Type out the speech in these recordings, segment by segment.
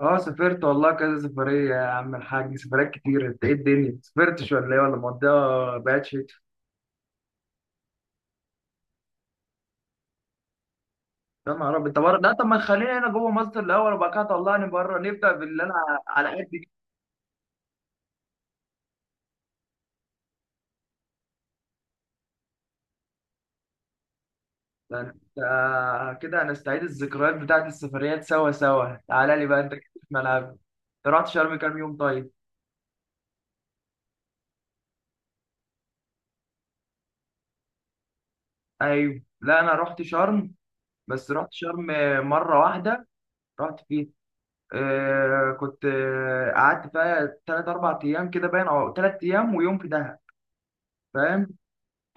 اه، سافرت والله كذا سفرية يا عم الحاج، سفريات كتير. انت ايه الدنيا، سافرتش ولا ايه، ولا مقضيها بعد شتاء؟ يا نهار ابيض، طب بره لا، طب ما تخلينا هنا جوه مصر الاول، وبعد كده طلعني بره، نبدا باللي انا على قد كده. ده انت كده هنستعيد الذكريات بتاعت السفريات سوا سوا. تعالى لي بقى انت كده في ملعبي، انت رحت شرم كام يوم طيب؟ ايوه، لا انا رحت شرم، بس رحت شرم مرة واحدة رحت فيها. كنت قعدت بقى تلات أربع أيام كده، باين أو 3 أيام ويوم في دهب، فاهم؟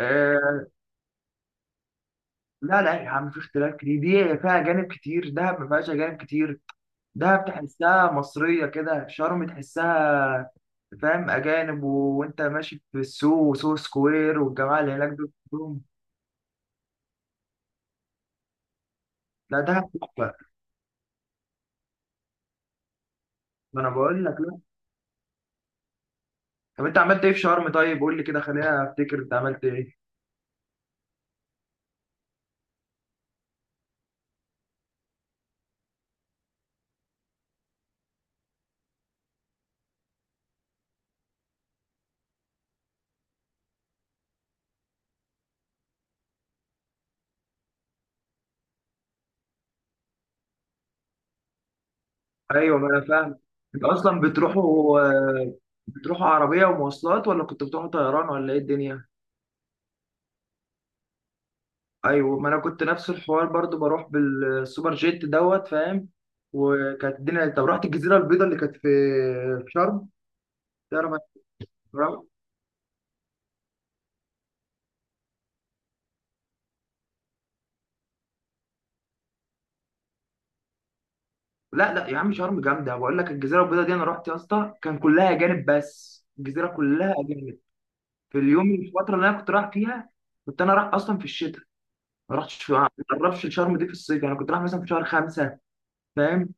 آه. لا لا يا عم، في اختلاف كتير. دي فيها أجانب كتير، دهب ما فيهاش أجانب كتير. دهب تحسها مصرية كده، شرم تحسها، فاهم، أجانب. و- وأنت ماشي في السوق وسوق سكوير، والجماعة اللي هناك دول كلهم. لا دهب تحفة. ما أنا بقول لك، لا. طب أنت عملت إيه في شرم طيب؟ قول لي كده، خلينا أفتكر أنت عملت إيه. ايوه، ما انا فاهم. انت اصلا بتروحوا، بتروحوا عربيه ومواصلات، ولا كنت بتروحوا طيران، ولا ايه الدنيا؟ ايوه، ما انا كنت نفس الحوار برضو، بروح بالسوبر جيت دوت، فاهم. وكانت الدنيا. طب رحت الجزيره البيضاء اللي كانت في شرم؟ تعرف، أنا- لا لا يا عم، شرم جامده بقول لك. الجزيره البيضاء دي انا رحت يا اسطى، كان كلها اجانب، بس الجزيره كلها اجانب. في اليوم الفتره اللي انا كنت رايح فيها، كنت انا رايح اصلا في الشتاء، ما رحتش في، ما قربش شرم دي في الصيف، انا كنت رايح مثلا في شهر 5، فاهم.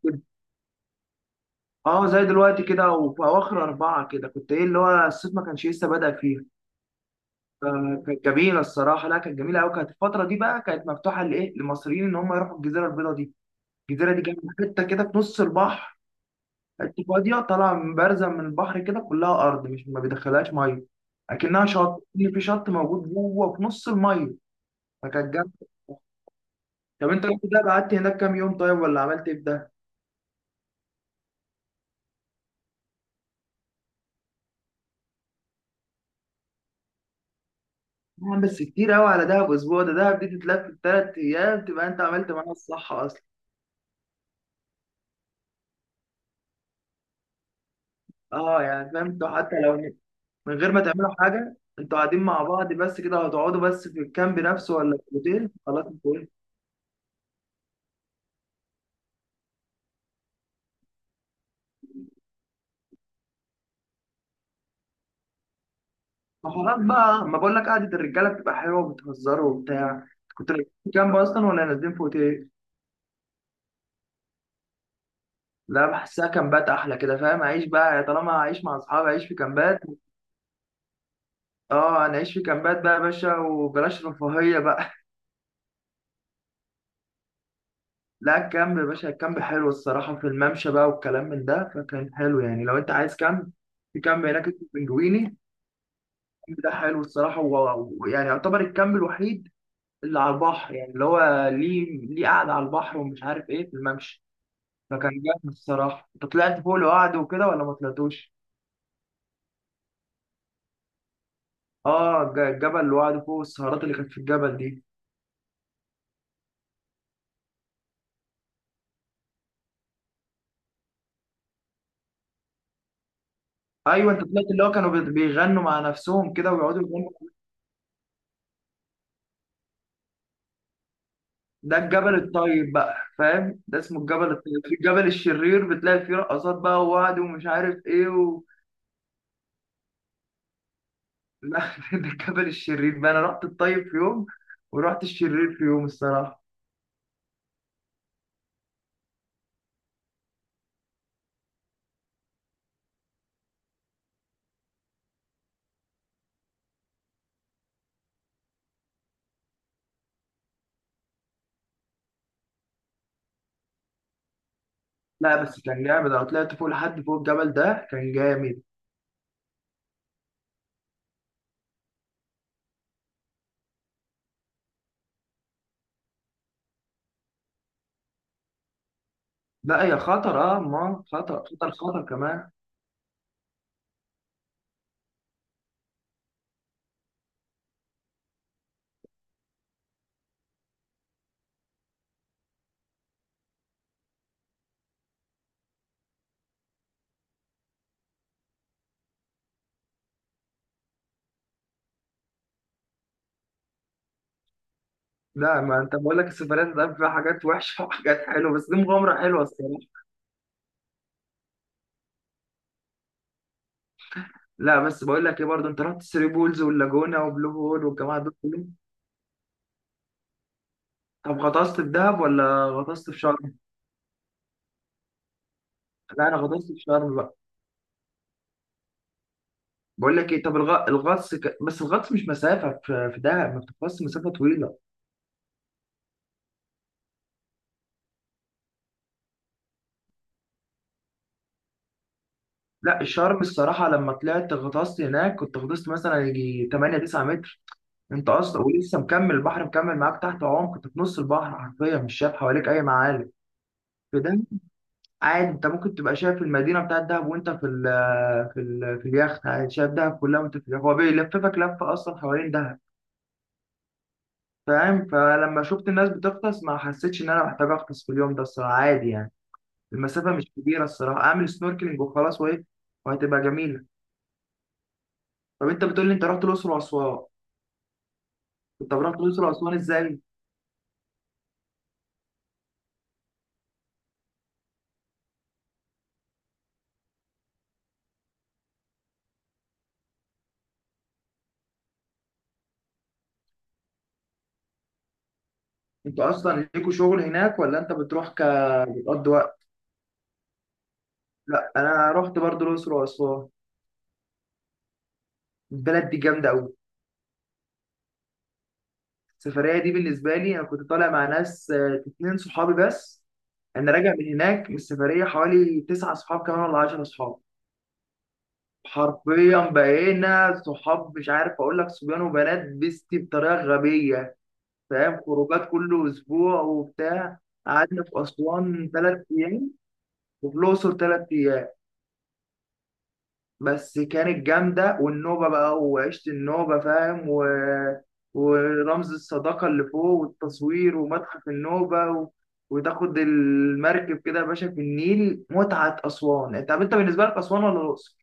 اه زي دلوقتي كده، وفي اواخر 4 كده، كنت ايه، اللي هو الصيف ما كانش لسه بدأ فيها. فكانت جميله الصراحه، لا كانت جميله قوي. كانت الفتره دي بقى كانت مفتوحه لايه، للمصريين ان هم يروحوا الجزيره البيضاء دي. الجزيره دي كانت حته كده في نص البحر، حته فاضيه طالعه من، بارزه من البحر كده، كلها ارض، مش ما بيدخلهاش ميه. اكنها شط، إن في شط موجود جوه في نص الميه. فكانت جامده. طب انت رحت دهب، قعدت هناك كام يوم طيب، ولا عملت ايه في دهب؟ بس كتير قوي على دهب اسبوع ده. دهب دي تتلف في 3 ايام، تبقى انت عملت معاها الصح. اه يعني، فاهم انتوا، حتى من غير ما تعملوا حاجه انتوا قاعدين مع بعض بس كده، هتقعدوا بس في الكامب نفسه، ولا في الاوتيل؟ خلاص انتوا ايه. ما خلاص بقى، ما بقول لك قعده الرجاله بتبقى حلوه، وبتهزروا وبتاع. كنتوا نازلين في كامب اصلا، ولا نازلين في اوتيل؟ لا بحسها كامبات احلى كده، فاهم؟ اعيش بقى، طالما هعيش مع اصحابي اعيش في كامبات. اه انا اعيش في كامبات بقى يا باشا، وبلاش رفاهيه بقى. لا الكامب يا باشا، الكامب حلو الصراحه، في الممشى بقى والكلام من ده، فكان حلو يعني. لو انت عايز كامب، في كامب هناك اسمه بنجويني، ده حلو الصراحة، و- ويعني يعتبر الكامب الوحيد اللي على البحر، يعني اللي هو ليه قعدة على البحر، ومش عارف ايه في الممشى. فكان جامد الصراحة. انت طلعت فوق لوحده وكده، ولا ما طلعتوش؟ اه الجبل لوحده فوق، السهرات اللي كانت في الجبل دي. ايوه انت طلعت، اللي هو كانوا بيغنوا مع نفسهم كده ويقعدوا يغنوا. ده الجبل الطيب بقى فاهم، ده اسمه الجبل الطيب. في الجبل الشرير بتلاقي فيه رقصات بقى، ووعد ومش عارف ايه. لا، ده الكبل الشرير بقى. انا رحت الطيب في يوم، ورحت الشرير في يوم الصراحه. لا بس كان جامد. انا طلعت فوق لحد فوق الجبل ده، كان جامد. لا هي خطر، اه ما خطر، خطر خطر كمان. لا، ما انت بقول لك السفريات ده فيها حاجات وحشه وحاجات حلوه. بس دي مغامره حلوه الصراحه. لا بس بقول لك ايه برضه، انت رحت ثري بولز واللاجونه وبلو هول، والجماعه دول كلهم؟ طب غطست في دهب ولا غطست في شرم؟ لا انا غطست في شرم بقى. بقول لك ايه، طب الغطس، بس الغطس مش مسافه، في دهب ما بتغطس مسافه طويله. لا الشرم الصراحة، لما طلعت غطست هناك، كنت غطست مثلا يجي 8 9 متر. انت اصلا ولسه مكمل البحر، مكمل معاك تحت عمق. كنت في نص البحر حرفيا، مش شايف حواليك اي معالم في ده. عادي انت ممكن تبقى شايف المدينة بتاعت دهب وانت في ال في ال في اليخت، عادي شايف دهب كلها وانت في اليخت. هو بيلففك لفة اصلا حوالين دهب، فاهم؟ فلما شفت الناس بتغطس، ما حسيتش ان انا محتاج اغطس في اليوم ده الصراحة، عادي يعني. المسافة مش كبيرة الصراحة، اعمل سنوركلينج وخلاص وايه، وهتبقى جميلة. طب انت بتقول لي انت رحت الاقصر واسوان، انت رحت الاقصر واسوان ازاي؟ انتوا اصلا ليكوا شغل هناك، ولا انت بتروح بتقضي وقت؟ لا انا رحت برضه الاقصر واسوان. البلد دي جامده قوي. السفريه دي بالنسبه لي، انا كنت طالع مع ناس، 2 صحابي بس. انا راجع من هناك من السفريه حوالي 9 صحاب كمان ولا 10 صحاب. حرفيا بقينا صحاب، مش عارف اقول لك، صبيان وبنات بيستي بطريقه غبيه، فاهم. خروجات كل اسبوع وبتاع. قعدنا في اسوان 3 ايام، وفي الاقصر 3 ايام، بس كانت جامدة. والنوبة بقى، وعشت النوبة فاهم، و... ورمز الصداقة اللي فوق والتصوير ومتحف النوبة، و... وتاخد المركب كده يا باشا في النيل، متعة أسوان. أنت طب، أنت بالنسبة لك أسوان ولا الأقصر؟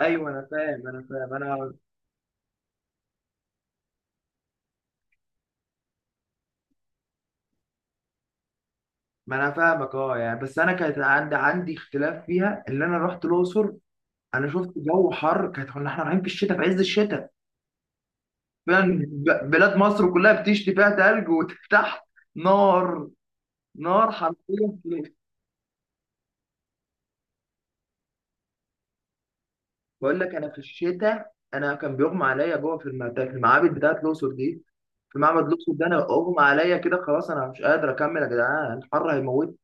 أيوه أنا فاهم، أنا فاهم. أنا، ما أنا فاهمك، أه يعني. بس أنا كانت عندي اختلاف فيها اللي أنا رحت الأقصر. أنا شفت جو حر، كنا إحنا رايحين في الشتاء، في عز الشتاء فعلا. بلاد مصر كلها بتشتي فيها تلج، وتحت نار. نار حرفيا في، بقول لك انا في الشتاء، انا كان بيغمى عليا جوه في في المعابد بتاعت الاقصر دي. في معبد الاقصر ده انا اغمى عليا كده، خلاص انا مش قادر اكمل يا جدعان، الحر هيموت.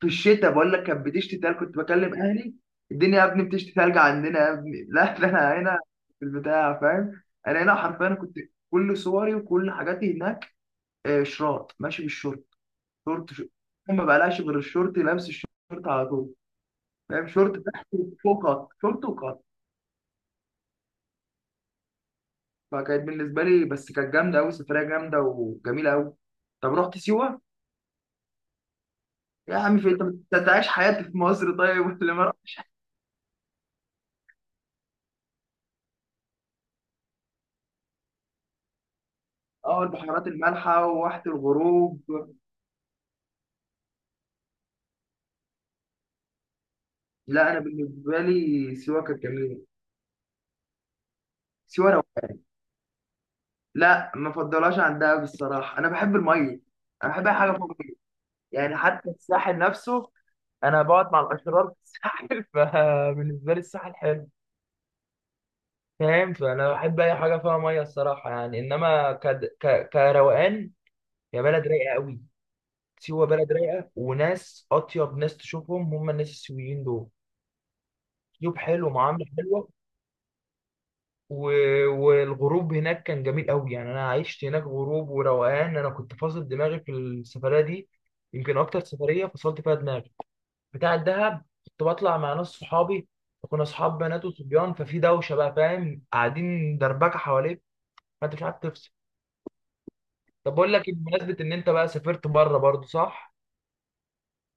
في الشتاء، بقول لك كانت بتشتي تلج. كنت بكلم اهلي، الدنيا يا ابني بتشتي تلج عندنا يا ابني. لا ده انا هنا في البتاع، فاهم، انا هنا حرفيا كنت، كل صوري وكل حاجاتي هناك، شراط ماشي بالشورت. شورت، ما بقلاش غير الشورت، لابس الشورت على طول، فاهم، شورت تحت وفوق قط، شورت وقط. فكانت بالنسبه لي، بس كانت جامده قوي، سفريه جامده وجميله قوي. طب رحت سيوه؟ يا عم في انت، بتعيش حياتي في مصر طيب، ولا ما رحتش. اه البحيرات المالحه وواحه الغروب. لا انا بالنسبه لي سيوه كانت جميله. سيوه لو لا ما فضلهاش عن دهب الصراحه، انا بحب الميه. انا بحب اي حاجه فوق الميه، يعني حتى الساحل نفسه، انا بقعد مع الاشرار في الساحل. فبالنسبه لي الساحل حلو، فاهم. فانا بحب اي حاجه فيها ميه الصراحه يعني، انما كروقان، هي بلد رايقه قوي. سيوه بلد رايقه، وناس اطيب ناس تشوفهم هم الناس السيويين دول، اسلوب حلو، معامله حلوه. و... والغروب هناك كان جميل قوي يعني، انا عشت هناك غروب وروقان. انا كنت فاصل دماغي في السفريه دي، يمكن اكتر سفريه فصلت فيها دماغي. بتاع الدهب كنت بطلع مع ناس صحابي، كنا اصحاب بنات وصبيان، ففي دوشه بقى فاهم، قاعدين دربكه حواليك، فانت مش عارف تفصل. طب بقول لك إيه، بمناسبه ان انت بقى سافرت بره برضو، صح؟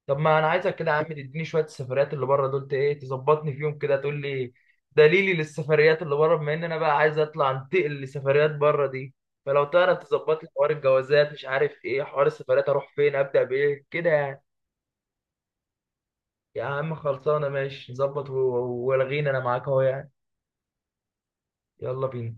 طب ما انا عايزك كده يا عم تديني شويه السفريات اللي بره دول، ايه تظبطني فيهم كده، تقول لي دليلي للسفريات اللي بره، بما ان انا بقى عايز اطلع انتقل لسفريات بره دي. فلو تعرف تظبط لي حوار الجوازات، مش عارف ايه، حوار السفريات اروح فين، ابدا بايه كده يعني. يا عم خلصانه ماشي، نظبط، والغينا انا معاك اهو يعني. يلا بينا.